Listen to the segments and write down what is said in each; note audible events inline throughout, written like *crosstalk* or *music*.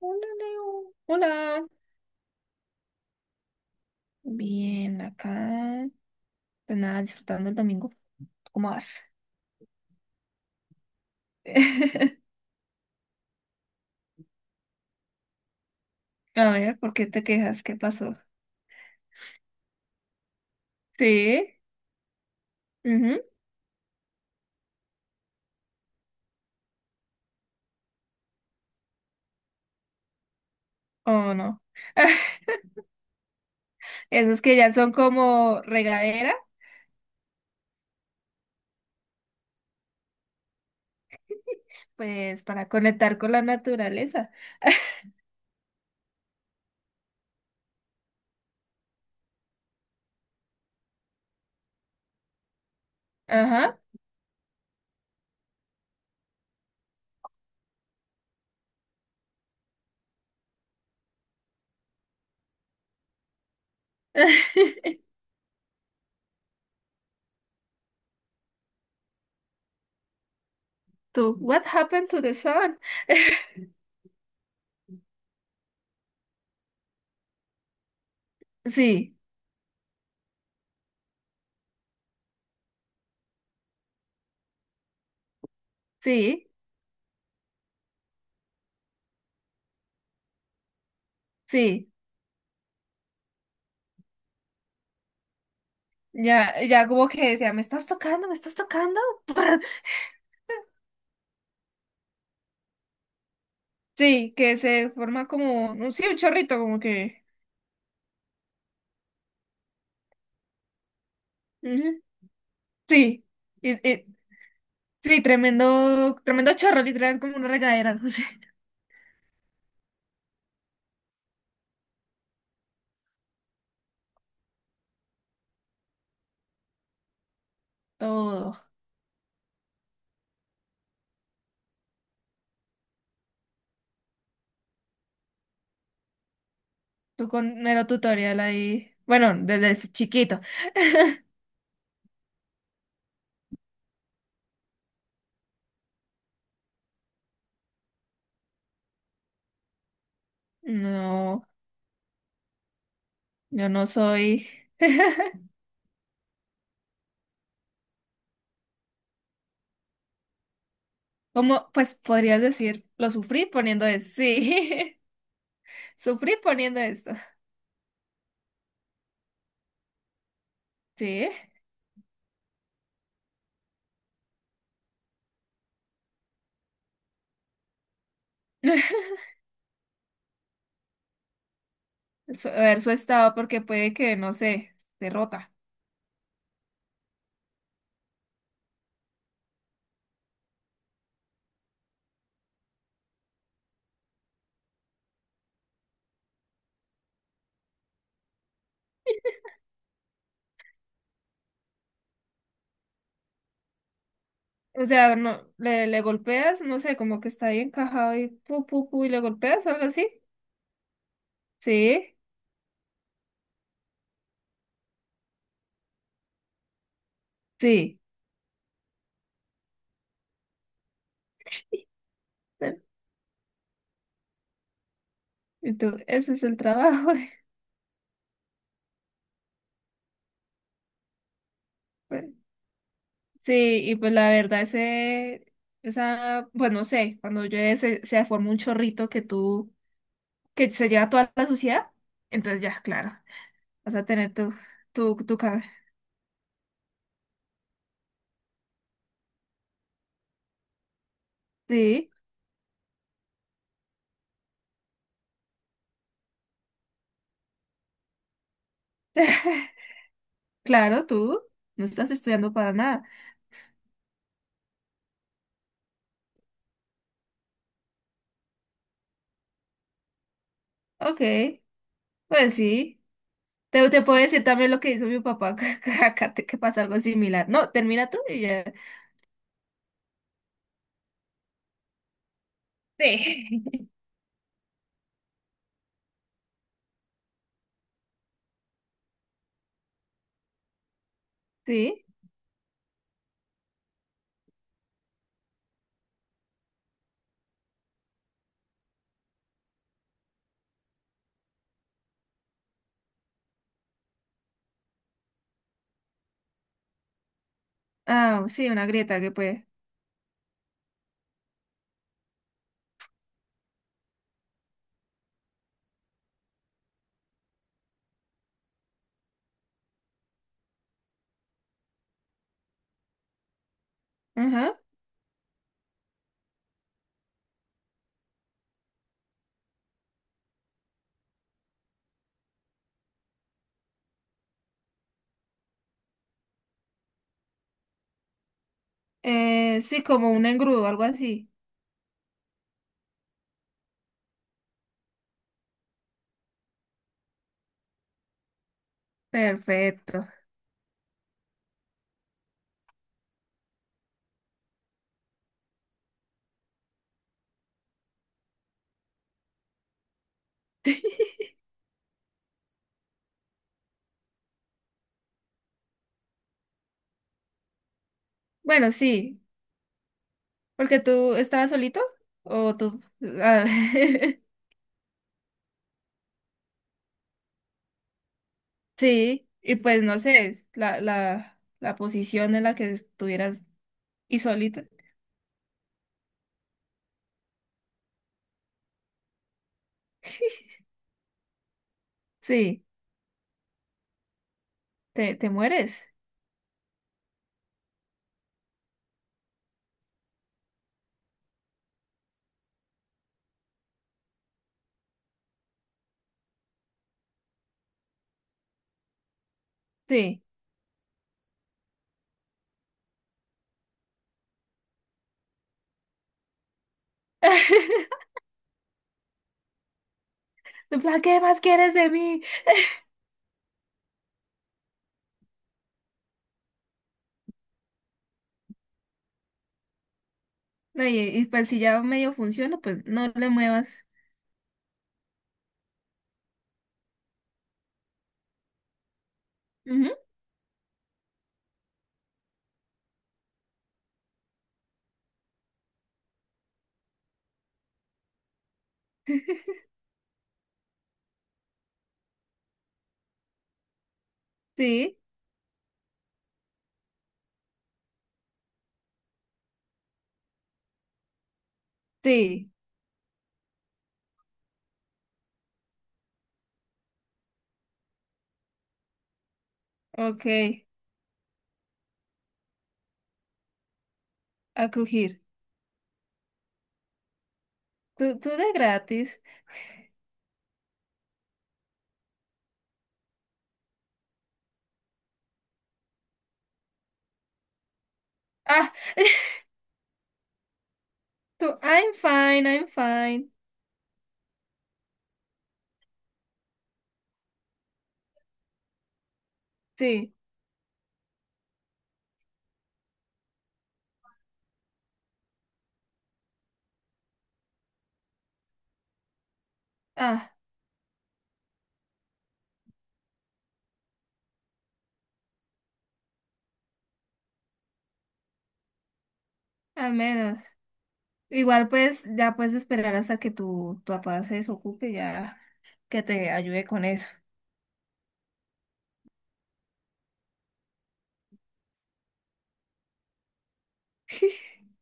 Hola, Leo. Hola. Bien, acá. Pues nada, disfrutando el domingo. ¿Cómo vas? *laughs* A ver, ¿por qué te quejas? ¿Qué pasó? ¿Sí? Ujú. ¿O no? *laughs* Esos que ya son como regadera, pues para conectar con la naturaleza. *laughs* Ajá. *laughs* Tú, what happened to the sun? Sí, sí, sí. Ya, ya como que decía, ¿me estás tocando? ¿Me estás tocando? *laughs* Sí, que se forma como, sí, un chorrito, como que. Ujú. Sí, y- y- sí, tremendo, tremendo chorro, literal, como una regadera, *laughs* no sé. Todo. Tú con mero tutorial ahí. Bueno, desde chiquito. No, yo no soy. *laughs* ¿Cómo? Pues podrías decir, lo sufrí poniendo esto. Sí, *laughs* sufrí poniendo esto. Sí. *laughs* A ver su estado, porque puede que, no sé, se rota. O sea, no, le golpeas, no sé, como que está ahí encajado y pu, pu, pu, y le golpeas o algo así. Sí, sí. Y tú, ese es el trabajo. *laughs* Bueno, sí, y pues la verdad, ese, esa, bueno, no sé, cuando llueve se forma un chorrito que tú, que se lleva toda la suciedad, entonces ya, claro, vas a tener tu, tu, tu cabeza. Sí, *laughs* claro, tú no estás estudiando para nada. Ok, pues sí. Te puedo decir también lo que hizo mi papá, *laughs* que acá que pasa algo similar. No, termina tú y ya. Sí. *laughs* Sí. Ah, sí, una grieta que puede. Ajá. Sí, como un engrudo, algo así. Perfecto. Bueno, sí, porque tú estabas solito o tú... ah, *laughs* sí, y pues no sé, la posición en la que estuvieras y solito. *laughs* Sí, te mueres. Sí. *laughs* En plan, ¿qué más quieres de mí? No, y pues si ya medio funciona, pues no le muevas. Ujú. Sí, sí, ok, a crujir. Tú de gratis. Ah. Tú, I'm fine, I'm fine. Sí, ah, al menos. Igual pues ya puedes esperar hasta que tu papá se desocupe, ya que te ayude con eso. *laughs*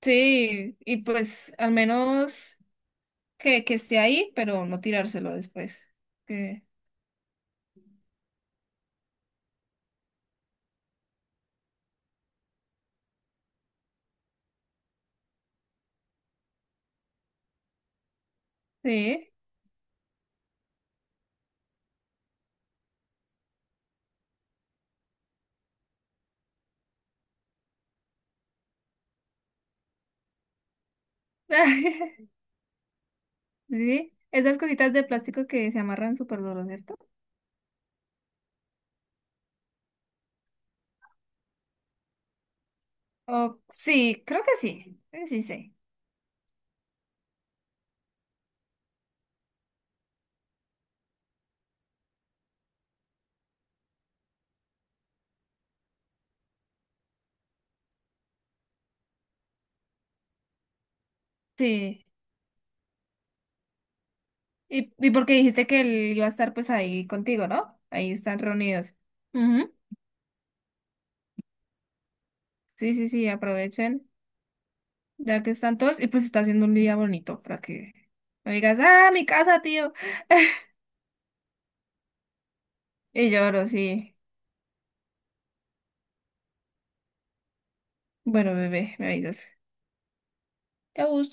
Sí, y pues al menos que esté ahí, pero no tirárselo después. Que- Sí. *laughs* Sí, esas cositas de plástico que se amarran súper duro, ¿cierto? Sí, creo que sí. creo que Sí, sí. Sí. Y porque dijiste que él iba a estar pues ahí contigo, ¿no? Ahí están reunidos. Ujú. Sí, sí, sí, aprovechen, ya que están todos, y pues está haciendo un día bonito para que me digas, ah, mi casa, tío. *laughs* Y lloro, sí. Bueno, bebé, me avisas. Chau.